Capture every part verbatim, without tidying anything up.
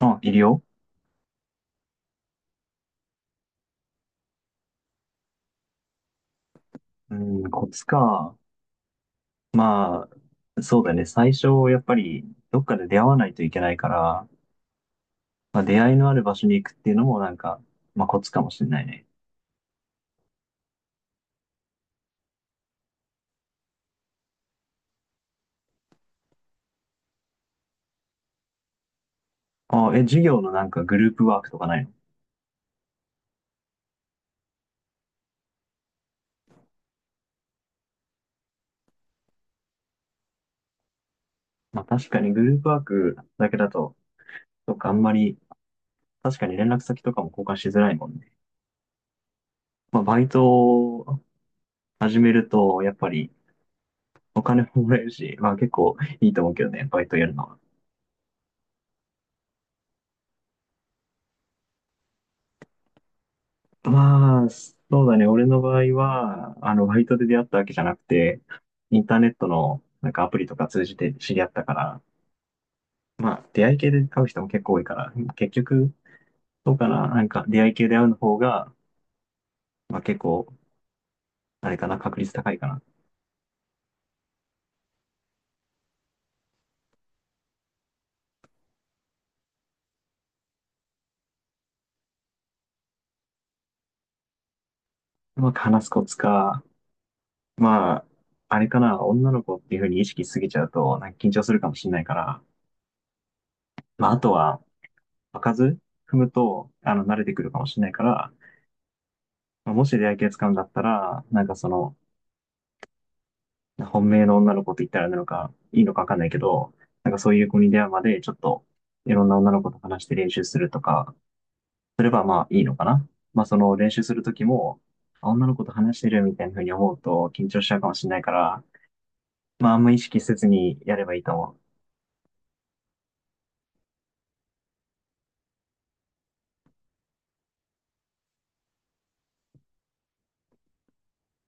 あ、いるよ。うん、コツか。まあ、そうだね。最初、やっぱり、どっかで出会わないといけないから、まあ、出会いのある場所に行くっていうのも、なんか、まあ、コツかもしれないね。あ、え、授業のなんかグループワークとかないの？まあ、確かにグループワークだけだと、とかあんまり、確かに連絡先とかも交換しづらいもんね。まあ、バイトを始めると、やっぱり、お金ももらえるし、まあ、結構いいと思うけどね、バイトやるのは。まあ、そうだね。俺の場合は、あの、バイトで出会ったわけじゃなくて、インターネットの、なんかアプリとか通じて知り合ったから、まあ、出会い系で会う人も結構多いから、結局、そうかな。なんか、出会い系で会うの方が、まあ結構、あれかな、確率高いかな。うまく話すコツか、まあ、あれかな、女の子っていうふうに意識しすぎちゃうと、なんか緊張するかもしれないから、まあ、あとは、場数踏むと、あの、慣れてくるかもしれないから、まあもし出会い系使うんだったら、なんかその、本命の女の子と言ったらなのか、いいのかわかんないけど、なんかそういう子に出会うまで、ちょっと、いろんな女の子と話して練習するとか、すればまあいいのかな。まあその練習するときも、あ女の子と話してるみたいな風に思うと緊張しちゃうかもしれないから、まああんま意識せずにやればいいと思う。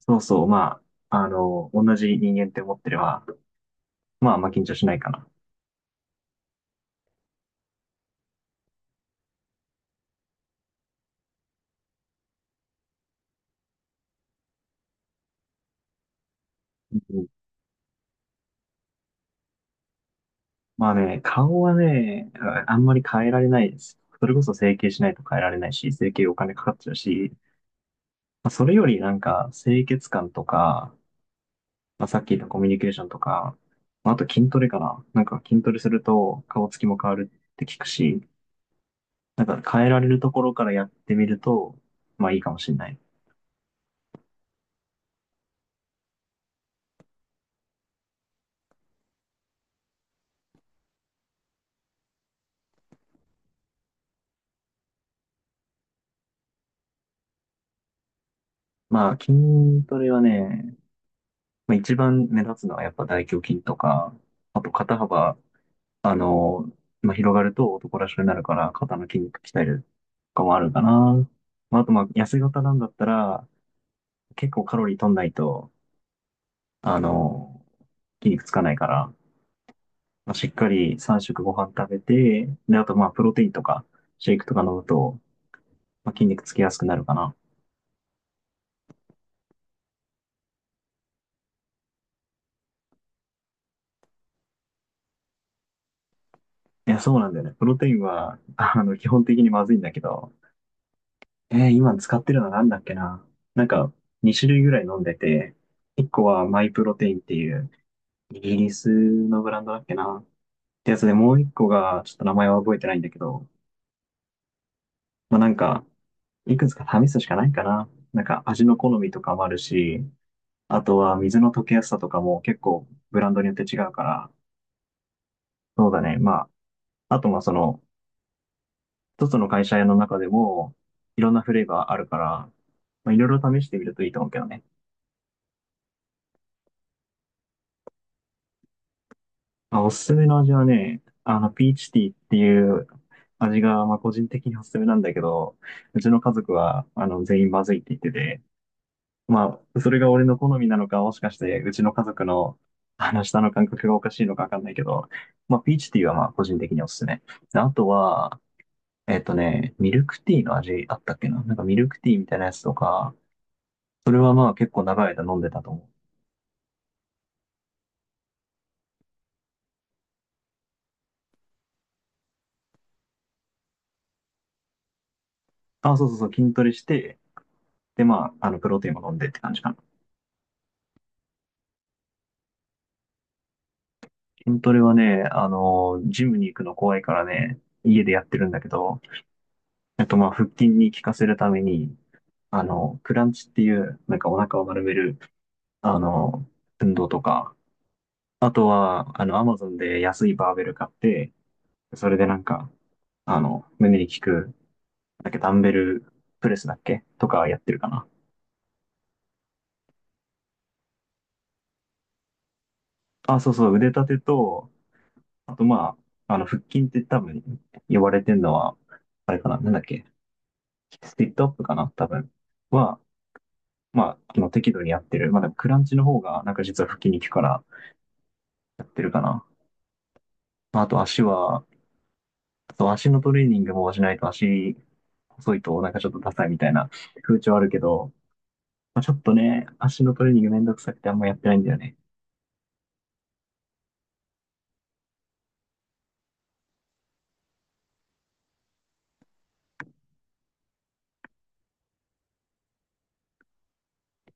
そうそう、まあ、あの、同じ人間って思ってれば、まああんま緊張しないかな。うん。まあね、顔はね、ああんまり変えられないです。それこそ整形しないと変えられないし、整形お金かかっちゃうし、まあ、それよりなんか、清潔感とか、まあ、さっき言ったコミュニケーションとか、まああと筋トレかな。なんか筋トレすると顔つきも変わるって聞くし、なんか変えられるところからやってみると、まあいいかもしれない。まあ筋トレはね、まあ、一番目立つのはやっぱ大胸筋とか、あと肩幅、あの、まあ、広がると男らしくなるから肩の筋肉鍛えるとかもあるかな。まあ、あとまあ痩せ型なんだったら結構カロリー取んないと、あの、筋肉つかないから、まあ、しっかりさんしょく食ご飯食べて、で、あとまあ、プロテインとか、シェイクとか飲むと、まあ、筋肉つきやすくなるかな。いや、そうなんだよね。プロテインは、あの、基本的にまずいんだけど、えー今使ってるのなんだっけな。なんか、にしゅるい種類ぐらい飲んでて、いっこはマイプロテインっていう、イギリスのブランドだっけな。ってやつで、もういっこが、ちょっと名前は覚えてないんだけど、まあ、なんか、いくつか試すしかないかな。なんか、味の好みとかもあるし、あとは水の溶けやすさとかも結構ブランドによって違うから、そうだね。まあ、あとまあその、一つの会社の中でも、いろんなフレーバーあるから、まあ、いろいろ試してみるといいと思うけどね。まあ、おすすめの味はね、あの、ピーチティーっていう味が、まあ個人的におすすめなんだけど、うちの家族は、あの、全員まずいって言ってて、まあ、それが俺の好みなのか、もしかして、うちの家族の、あの、舌の感覚がおかしいのかわかんないけど、まあ、ピーチティーはまあ、個人的におすすめ。であとは、えっとね、ミルクティーの味あったっけな。なんかミルクティーみたいなやつとか、それはまあ結構長い間飲んでたと思う。あ、そうそうそう、筋トレして、でまあ、あの、プロテインも飲んでって感じかな。筋トレはね、あの、ジムに行くの怖いからね、家でやってるんだけど、えっとまあ、腹筋に効かせるために、あの、クランチっていう、なんかお腹を丸める、あの、運動とか、あとは、あの、アマゾンで安いバーベル買って、それでなんか、あの、胸に効くだっけ、ダンベルプレスだっけとかやってるかな。あ、そうそう、腕立てと、あとまあ、あの、腹筋って多分呼ばれてるのは、あれかな、なんだっけ、スティットアップかな、多分は、まあ、あの適度にやってる。まあでもクランチの方が、なんか実は腹筋に効くからやってるかな。まああと足は、あと足のトレーニングもしないと足細いとなんかちょっとダサいみたいな風潮あるけど、まあ、ちょっとね、足のトレーニングめんどくさくてあんまやってないんだよね。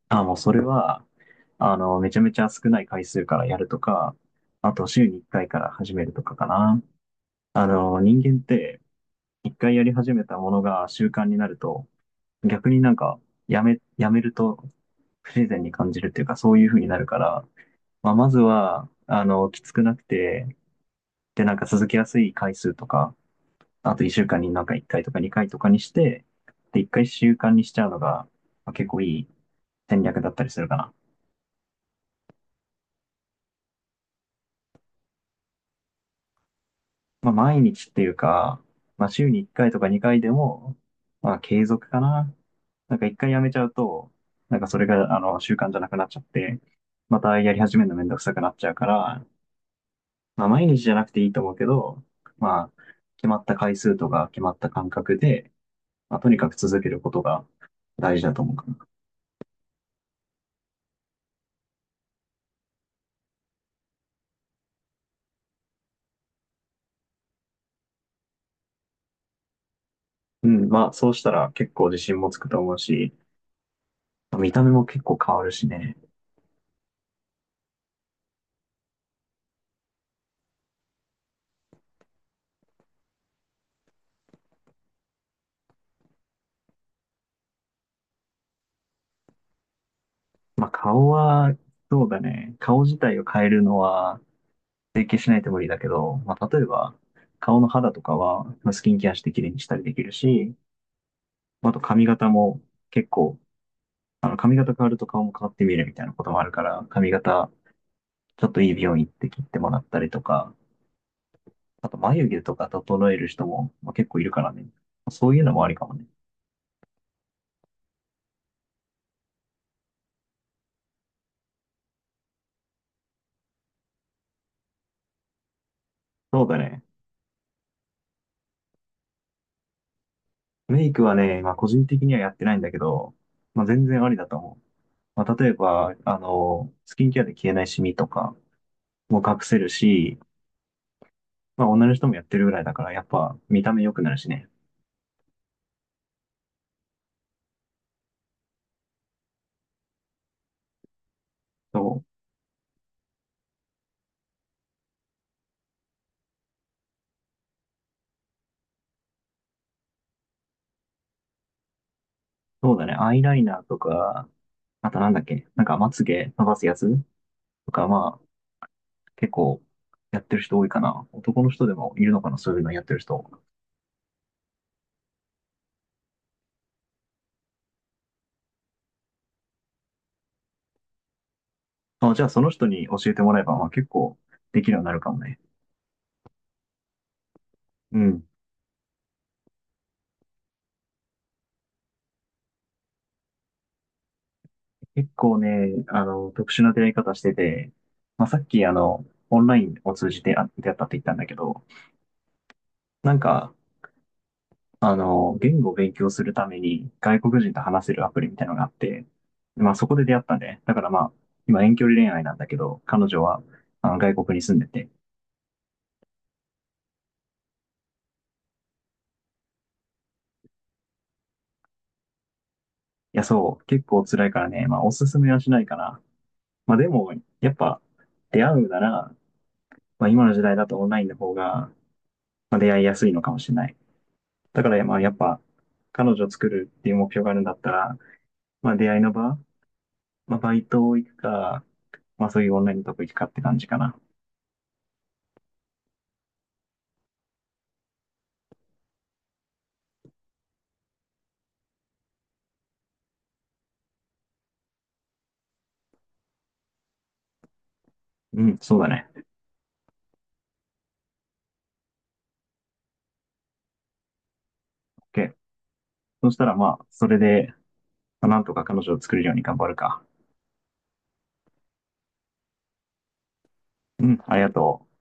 あ、もうそれは、あの、めちゃめちゃ少ない回数からやるとか、あと週にいっかいかいから始めるとかかな。あの、人間っていっかいやり始めたものが習慣になると、逆になんかやめ、やめると不自然に感じるっていうかそういう風になるから、まあ、まずは、あの、きつくなくて、で、なんか続けやすい回数とか、あといっしゅうかんになんかいっかいとかにかいとかにして、で、いっかい習慣にしちゃうのが、まあ、結構いい戦略だったりするかな。まあ、毎日っていうか、まあ、週にいっかいとかにかいでも、まあ、継続かな。なんかいっかいやめちゃうと、なんかそれが、あの、習慣じゃなくなっちゃって、またやり始めるのめんどくさくなっちゃうから、まあ、毎日じゃなくていいと思うけど、まあ、決まった回数とか決まった間隔で、まあ、とにかく続けることが大事だと思うかな。うん、まあ、そうしたら結構自信もつくと思うし、まあ見た目も結構変わるしね。まあ、顔は、そうだね。顔自体を変えるのは、整形しないと無理だけど、まあ、例えば、顔の肌とかは、まあスキンケアして綺麗にしたりできるし、まあと髪型も結構、あの髪型変わると顔も変わって見えるみたいなこともあるから、髪型、ちょっといい美容院行って切ってもらったりとか、あと眉毛とか整える人も、まあ、結構いるからね。そういうのもありかもね。そうだね。メイクはね、まあ個人的にはやってないんだけど、まあ全然ありだと思う。まあ例えば、あの、スキンケアで消えないシミとかも隠せるし、まあ、女の人もやってるぐらいだから、やっぱ見た目良くなるしね。そう、そうだね。アイライナーとか、あとなんだっけ、なんかまつげ伸ばすやつとか、まあ、結構やってる人多いかな。男の人でもいるのかな、そういうのやってる人。まあ、じゃあその人に教えてもらえば、まあ結構できるようになるかもね。うん。結構ね、あの、特殊な出会い方してて、まあさっきあの、オンラインを通じてあ出会ったって言ったんだけど、なんか、あの、言語を勉強するために外国人と話せるアプリみたいなのがあって、まあそこで出会ったんで、だからまあ、今遠距離恋愛なんだけど、彼女はあの外国に住んでて、いやそう、結構辛いからね、まあおすすめはしないかな。まあでも、やっぱ出会うなら、まあ今の時代だとオンラインの方が、まあ、出会いやすいのかもしれない。だからまあやっぱ、彼女を作るっていう目標があるんだったら、まあ出会いの場、まあバイト行くか、まあそういうオンラインのとこ行くかって感じかな。うん、そうだね。OK。そしたらまあ、それで、なんとか彼女を作るように頑張るか。うん、ありがとう。